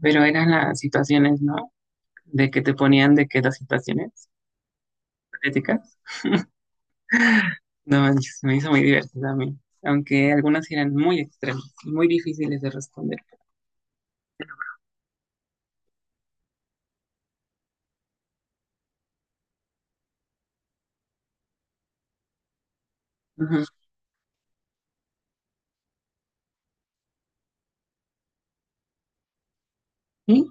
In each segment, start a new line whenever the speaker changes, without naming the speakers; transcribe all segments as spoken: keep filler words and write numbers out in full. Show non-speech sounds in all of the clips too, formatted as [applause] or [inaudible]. Pero eran las situaciones, ¿no? De que te ponían de que las situaciones críticas. No, manches, me hizo muy divertida a mí. Aunque algunas eran muy extremas y muy difíciles de responder. Ujú. ¿Sí?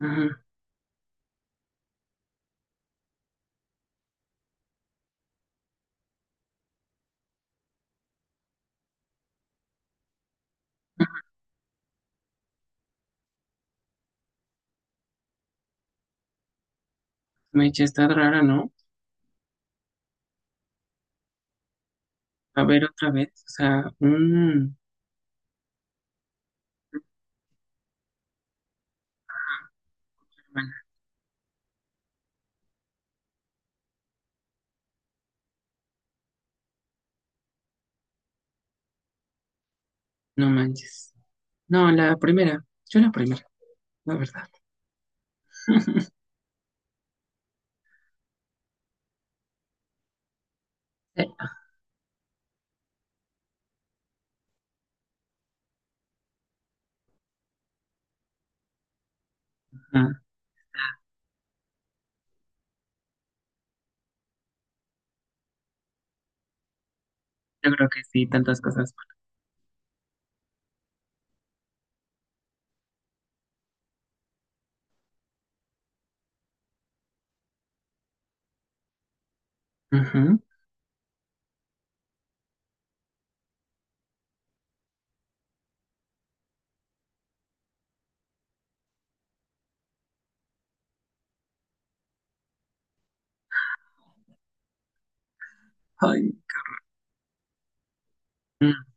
Ujú. Me eché, está rara, ¿no? A ver otra vez. O sea, mm, no manches. No, la primera. Yo la primera, la verdad. [laughs] Sí, ajá. Yo creo que sí, tantas cosas. Ujú. Ay, mm,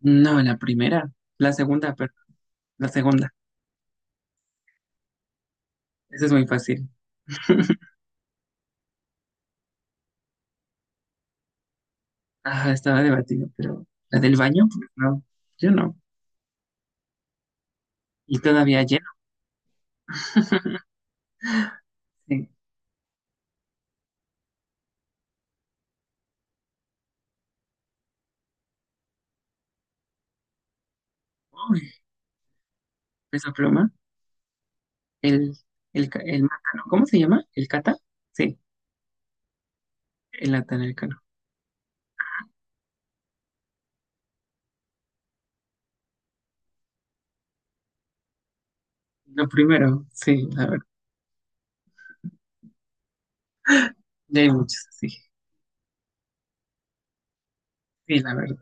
no, la primera. La segunda, perdón. La segunda. Esa es muy fácil. [laughs] Ajá, estaba debatido, pero la del baño, pues no, yo no. Y todavía lleno. [laughs] Sí. Uy, peso pluma. El, el, ca- el Mátano, ¿cómo se llama? ¿El Cata? Sí, el Cano. Lo primero, sí, la verdad. Ya hay muchos, sí, sí, la verdad.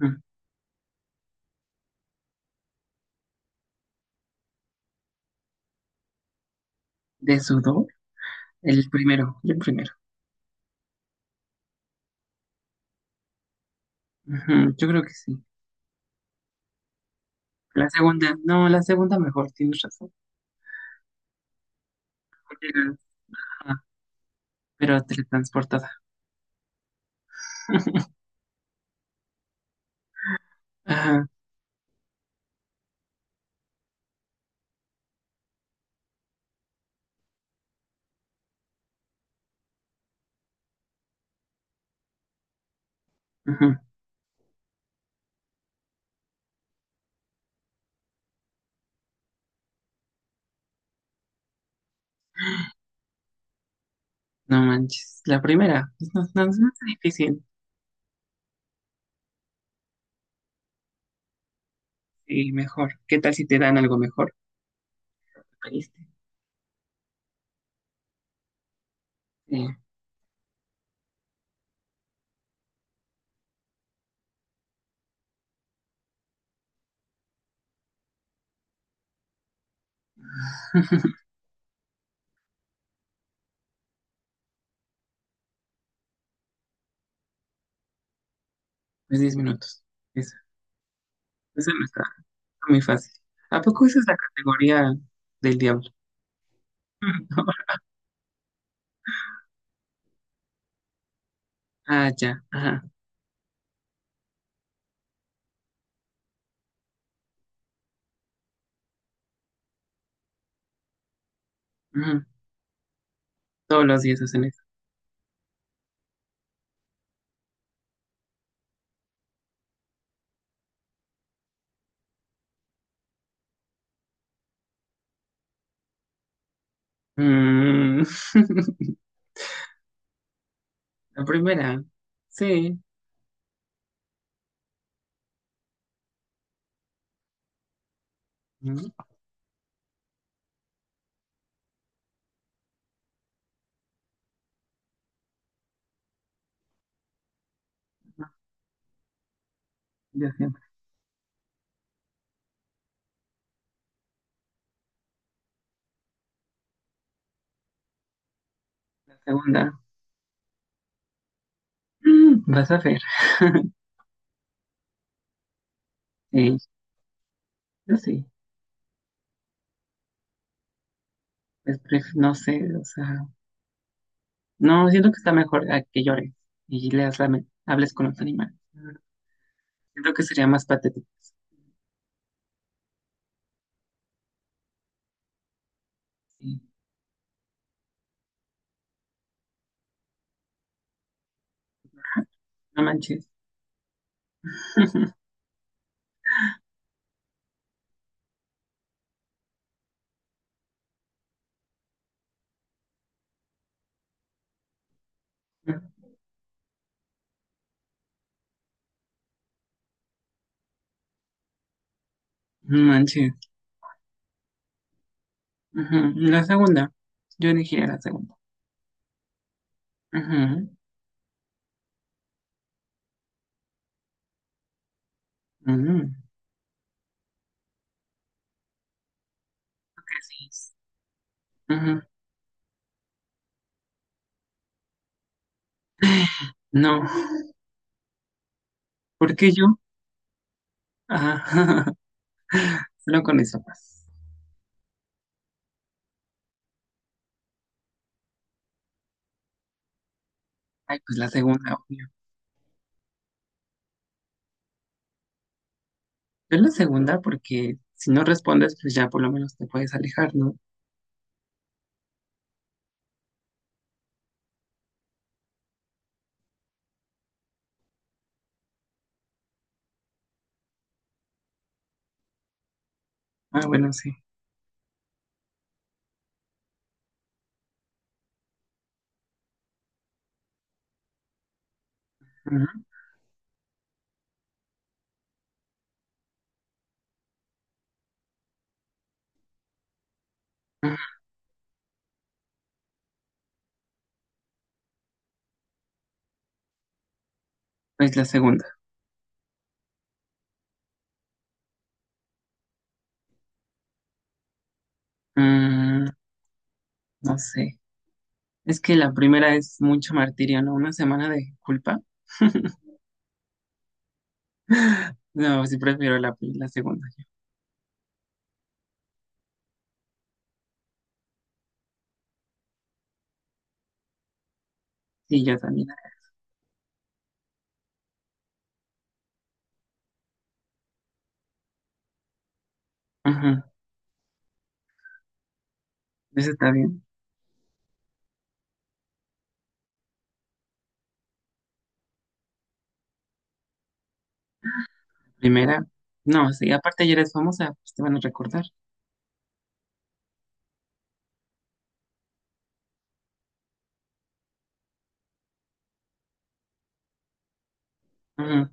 Mm. De sudor, el primero, el primero. Ujú, yo creo que sí. La segunda, no, la segunda mejor, tienes razón. Porque era- ajá, pero teletransportada. [laughs] Ajá, ujú, no manches. La primera, pues, no, no, no es difícil. Sí, mejor. ¿Qué tal si te dan algo mejor? ¿Pediste? Sí. [laughs] Pues diez minutos. Eso. Eso no está muy fácil. ¿A poco esa es la categoría del diablo? [laughs] Ah, ya. Ajá. Ujú. Todos los días hacen eso. Mm. [laughs] La primera. Sí. Mm. Ya sé. La segunda. Mm, vas a ver. [laughs] Sí, yo sí. Pues, pref- no sé, o sea. No, siento que está mejor a que llores y leas la men- hables con los animales. Siento que sería más patético. Sí, no manches. [laughs] No manches. Ujú. La segunda. Yo elegiría la segunda. Ujú. Ujú. Que sí. Ujú. No. ¿Por qué yo? Ah, [laughs] solo con eso más. Ay, pues la segunda, obvio. Yo la segunda porque si no respondes, pues ya por lo menos te puedes alejar, ¿no? Ah, bueno, sí. Ujú. Ujú. Pues la segunda. Mm, no sé. Es que la primera es mucho martirio, ¿no? Una semana de culpa. [laughs] [laughs] No, sí prefiero la, pri- la segunda. Sí, yo también. Ajá, eso está bien. La primera, no, sí, aparte ya eres famosa, pues te van a recordar. Ajá,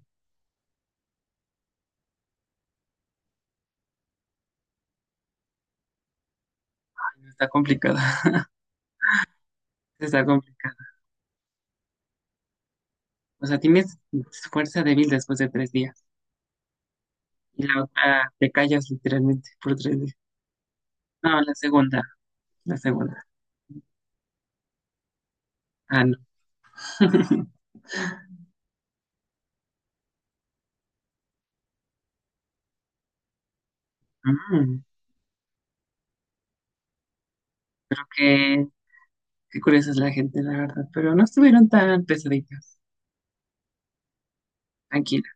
está complicado, [laughs] está complicado. O sea, tienes fuerza débil después de tres días y la otra te callas literalmente por tres días. No, la segunda, la segunda. Ah, no. [laughs] Mm, qué, qué curiosa es la gente, la verdad, pero no estuvieron tan pesaditas. Tranquila.